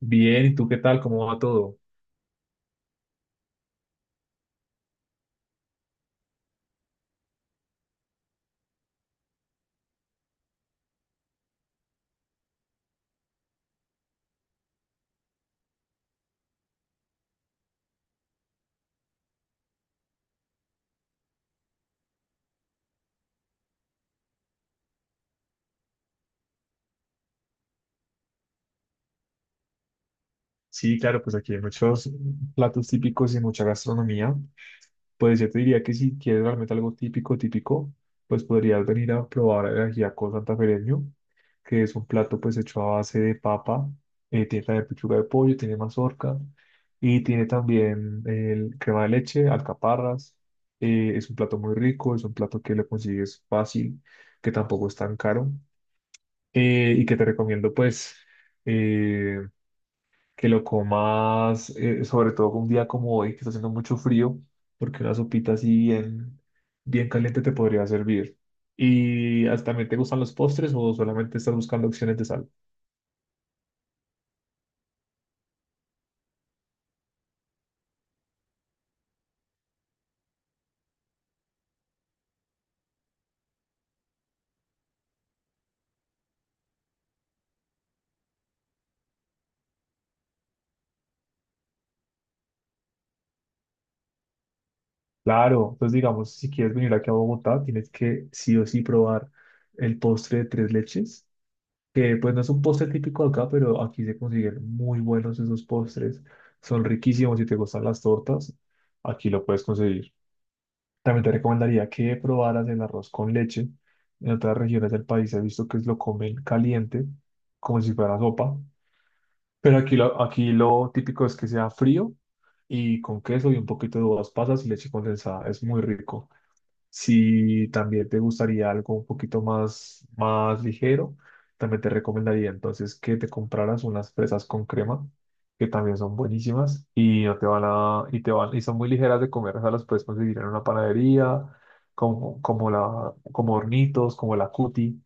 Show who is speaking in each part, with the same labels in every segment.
Speaker 1: Bien, ¿y tú qué tal? ¿Cómo va todo? Sí, claro, pues aquí hay muchos platos típicos y mucha gastronomía. Pues yo te diría que si quieres realmente algo típico, típico, pues podrías venir a probar el ajiaco santafereño, que es un plato pues hecho a base de papa, tiene también pechuga de pollo, tiene mazorca y tiene también el crema de leche, alcaparras. Es un plato muy rico, es un plato que lo consigues fácil, que tampoco es tan caro y que te recomiendo pues... eh, que lo comas, sobre todo un día como hoy, que está haciendo mucho frío, porque una sopita así bien, bien caliente te podría servir. ¿Y hasta también te gustan los postres o solamente estás buscando opciones de sal? Claro, entonces digamos, si quieres venir aquí a Bogotá, tienes que sí o sí probar el postre de tres leches, que pues no es un postre típico de acá, pero aquí se consiguen muy buenos esos postres, son riquísimos si te gustan las tortas, aquí lo puedes conseguir. También te recomendaría que probaras el arroz con leche. En otras regiones del país he visto que lo comen caliente, como si fuera sopa. Pero aquí lo típico es que sea frío y con queso y un poquito de uvas pasas y leche condensada. Es muy rico. Si también te gustaría algo un poquito más, más ligero, también te recomendaría entonces que te compraras unas fresas con crema, que también son buenísimas y no te van a, y te van, y son muy ligeras de comer, o sea, las puedes conseguir en una panadería, como Hornitos, como la Cuti.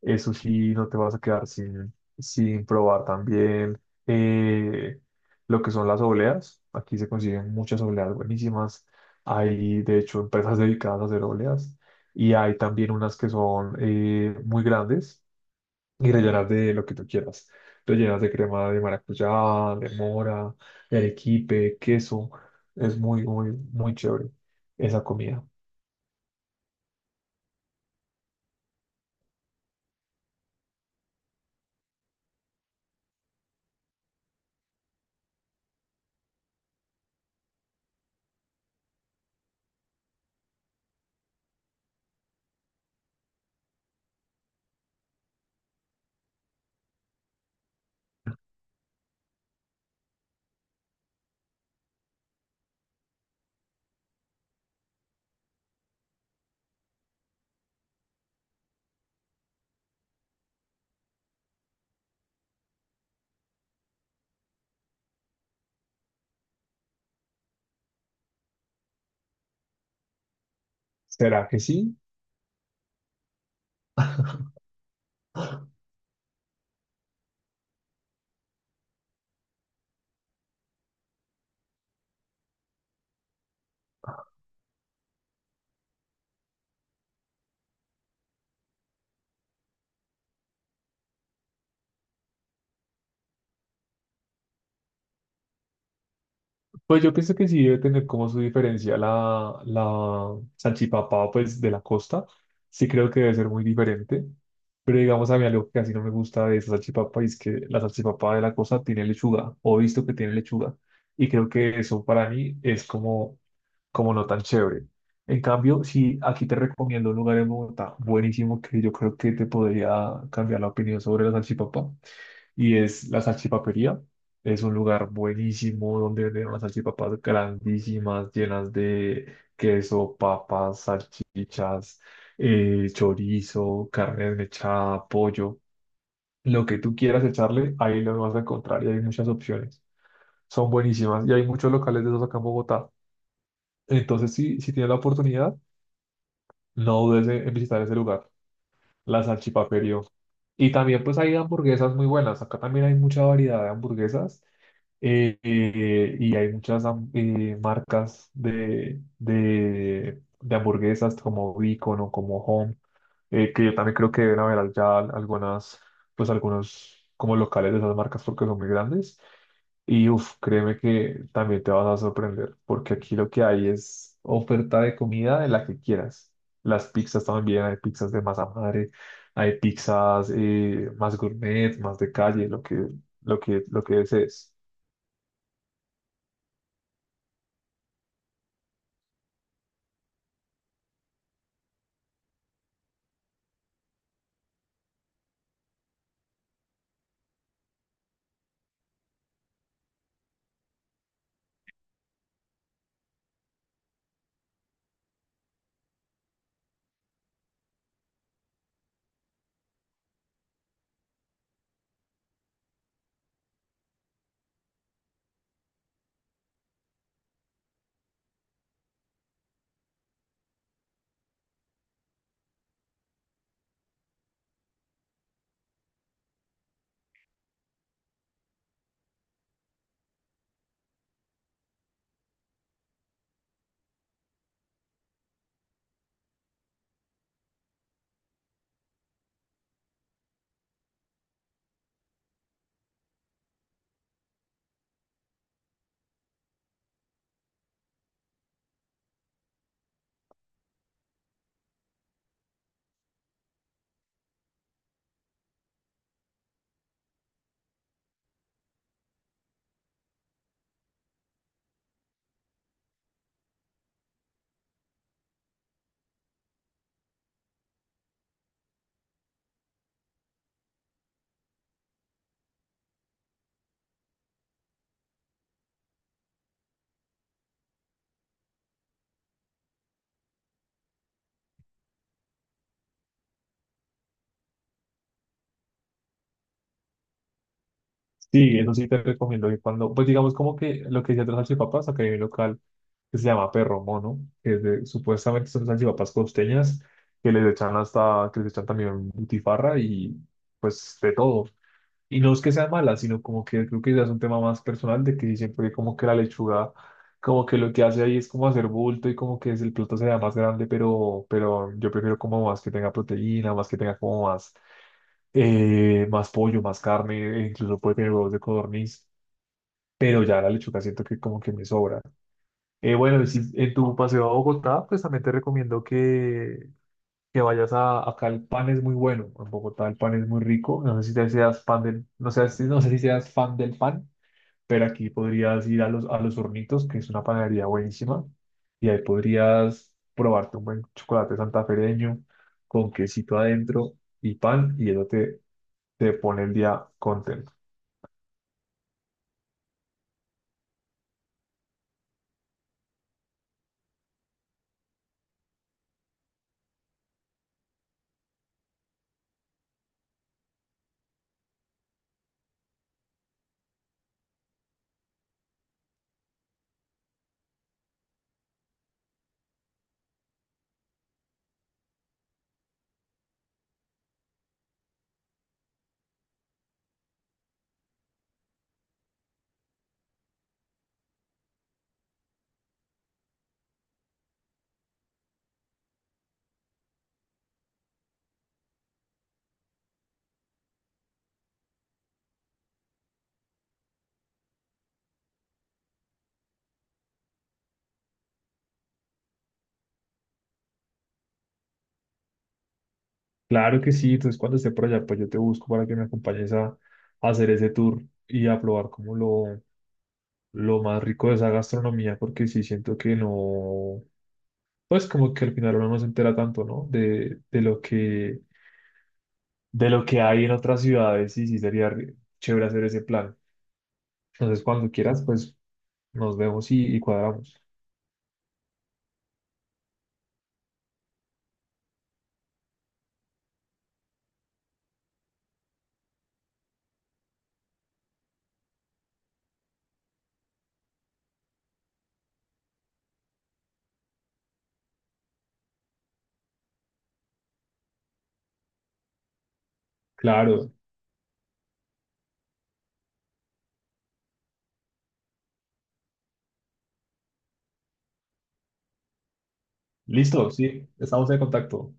Speaker 1: Eso sí, no te vas a quedar sin, sin probar también eh, lo que son las obleas. Aquí se consiguen muchas obleas buenísimas. Hay, de hecho, empresas dedicadas a hacer obleas y hay también unas que son muy grandes y rellenas de lo que tú quieras. Rellenas de crema de maracuyá, de mora, de arequipe, queso. Es muy, muy, muy chévere esa comida. ¿Será que sí? Pues yo pienso que sí debe tener como su diferencia la salchipapa, pues de la costa. Sí creo que debe ser muy diferente. Pero digamos a mí algo que casi no me gusta de esa salchipapa es que la salchipapa de la costa tiene lechuga, o he visto que tiene lechuga. Y creo que eso para mí es como no tan chévere. En cambio, si aquí te recomiendo un lugar en Bogotá buenísimo que yo creo que te podría cambiar la opinión sobre la salchipapa, y es la salchipapería. Es un lugar buenísimo donde venden unas salchipapas grandísimas, llenas de queso, papas, salchichas, chorizo, carne desmechada, pollo. Lo que tú quieras echarle, ahí lo vas a encontrar y hay muchas opciones. Son buenísimas y hay muchos locales de esos acá en Bogotá. Entonces, si tienes la oportunidad, no dudes en visitar ese lugar, la salchipaperio. Y también pues hay hamburguesas muy buenas. Acá también hay mucha variedad de hamburguesas y hay muchas marcas de hamburguesas como Beacon o como Home, que yo también creo que deben haber allá algunas, pues algunos como locales de esas marcas porque son muy grandes. Y uf, créeme que también te vas a sorprender, porque aquí lo que hay es oferta de comida de la que quieras. Las pizzas también, hay pizzas de masa madre, hay pizzas más gourmet, más de calle, lo que desees. Sí, eso sí te recomiendo que cuando, pues digamos como que lo que decía de las salchipapas, acá hay un local que se llama Perro Mono, que es supuestamente son salchipapas costeñas, que les echan hasta, que les echan también butifarra y pues de todo. Y no es que sea mala, sino como que creo que ya es un tema más personal de que dicen, porque como que la lechuga, como que lo que hace ahí es como hacer bulto y como que es el plato sea más grande, pero yo prefiero como más que tenga proteína, más que tenga como más, más pollo, más carne, e incluso puede tener huevos de codorniz, pero ya la lechuga siento que como que me sobra. Bueno, y si en tu paseo a Bogotá, pues también te recomiendo que vayas a, acá el pan es muy bueno, en Bogotá el pan es muy rico, no sé si te seas fan del, no sé, no sé si seas fan del pan, pero aquí podrías ir a a los Hornitos, que es una panadería buenísima, y ahí podrías probarte un buen chocolate santafereño con quesito adentro y pan, y eso te pone el día contento. Claro que sí, entonces cuando esté por allá, pues yo te busco para que me acompañes a hacer ese tour y a probar como lo más rico de esa gastronomía, porque sí siento que no pues como que al final uno no se entera tanto, ¿no? De lo que hay en otras ciudades y sí sería re- chévere hacer ese plan. Entonces, cuando quieras, pues nos vemos y cuadramos. Claro. Listo, sí, estamos en contacto.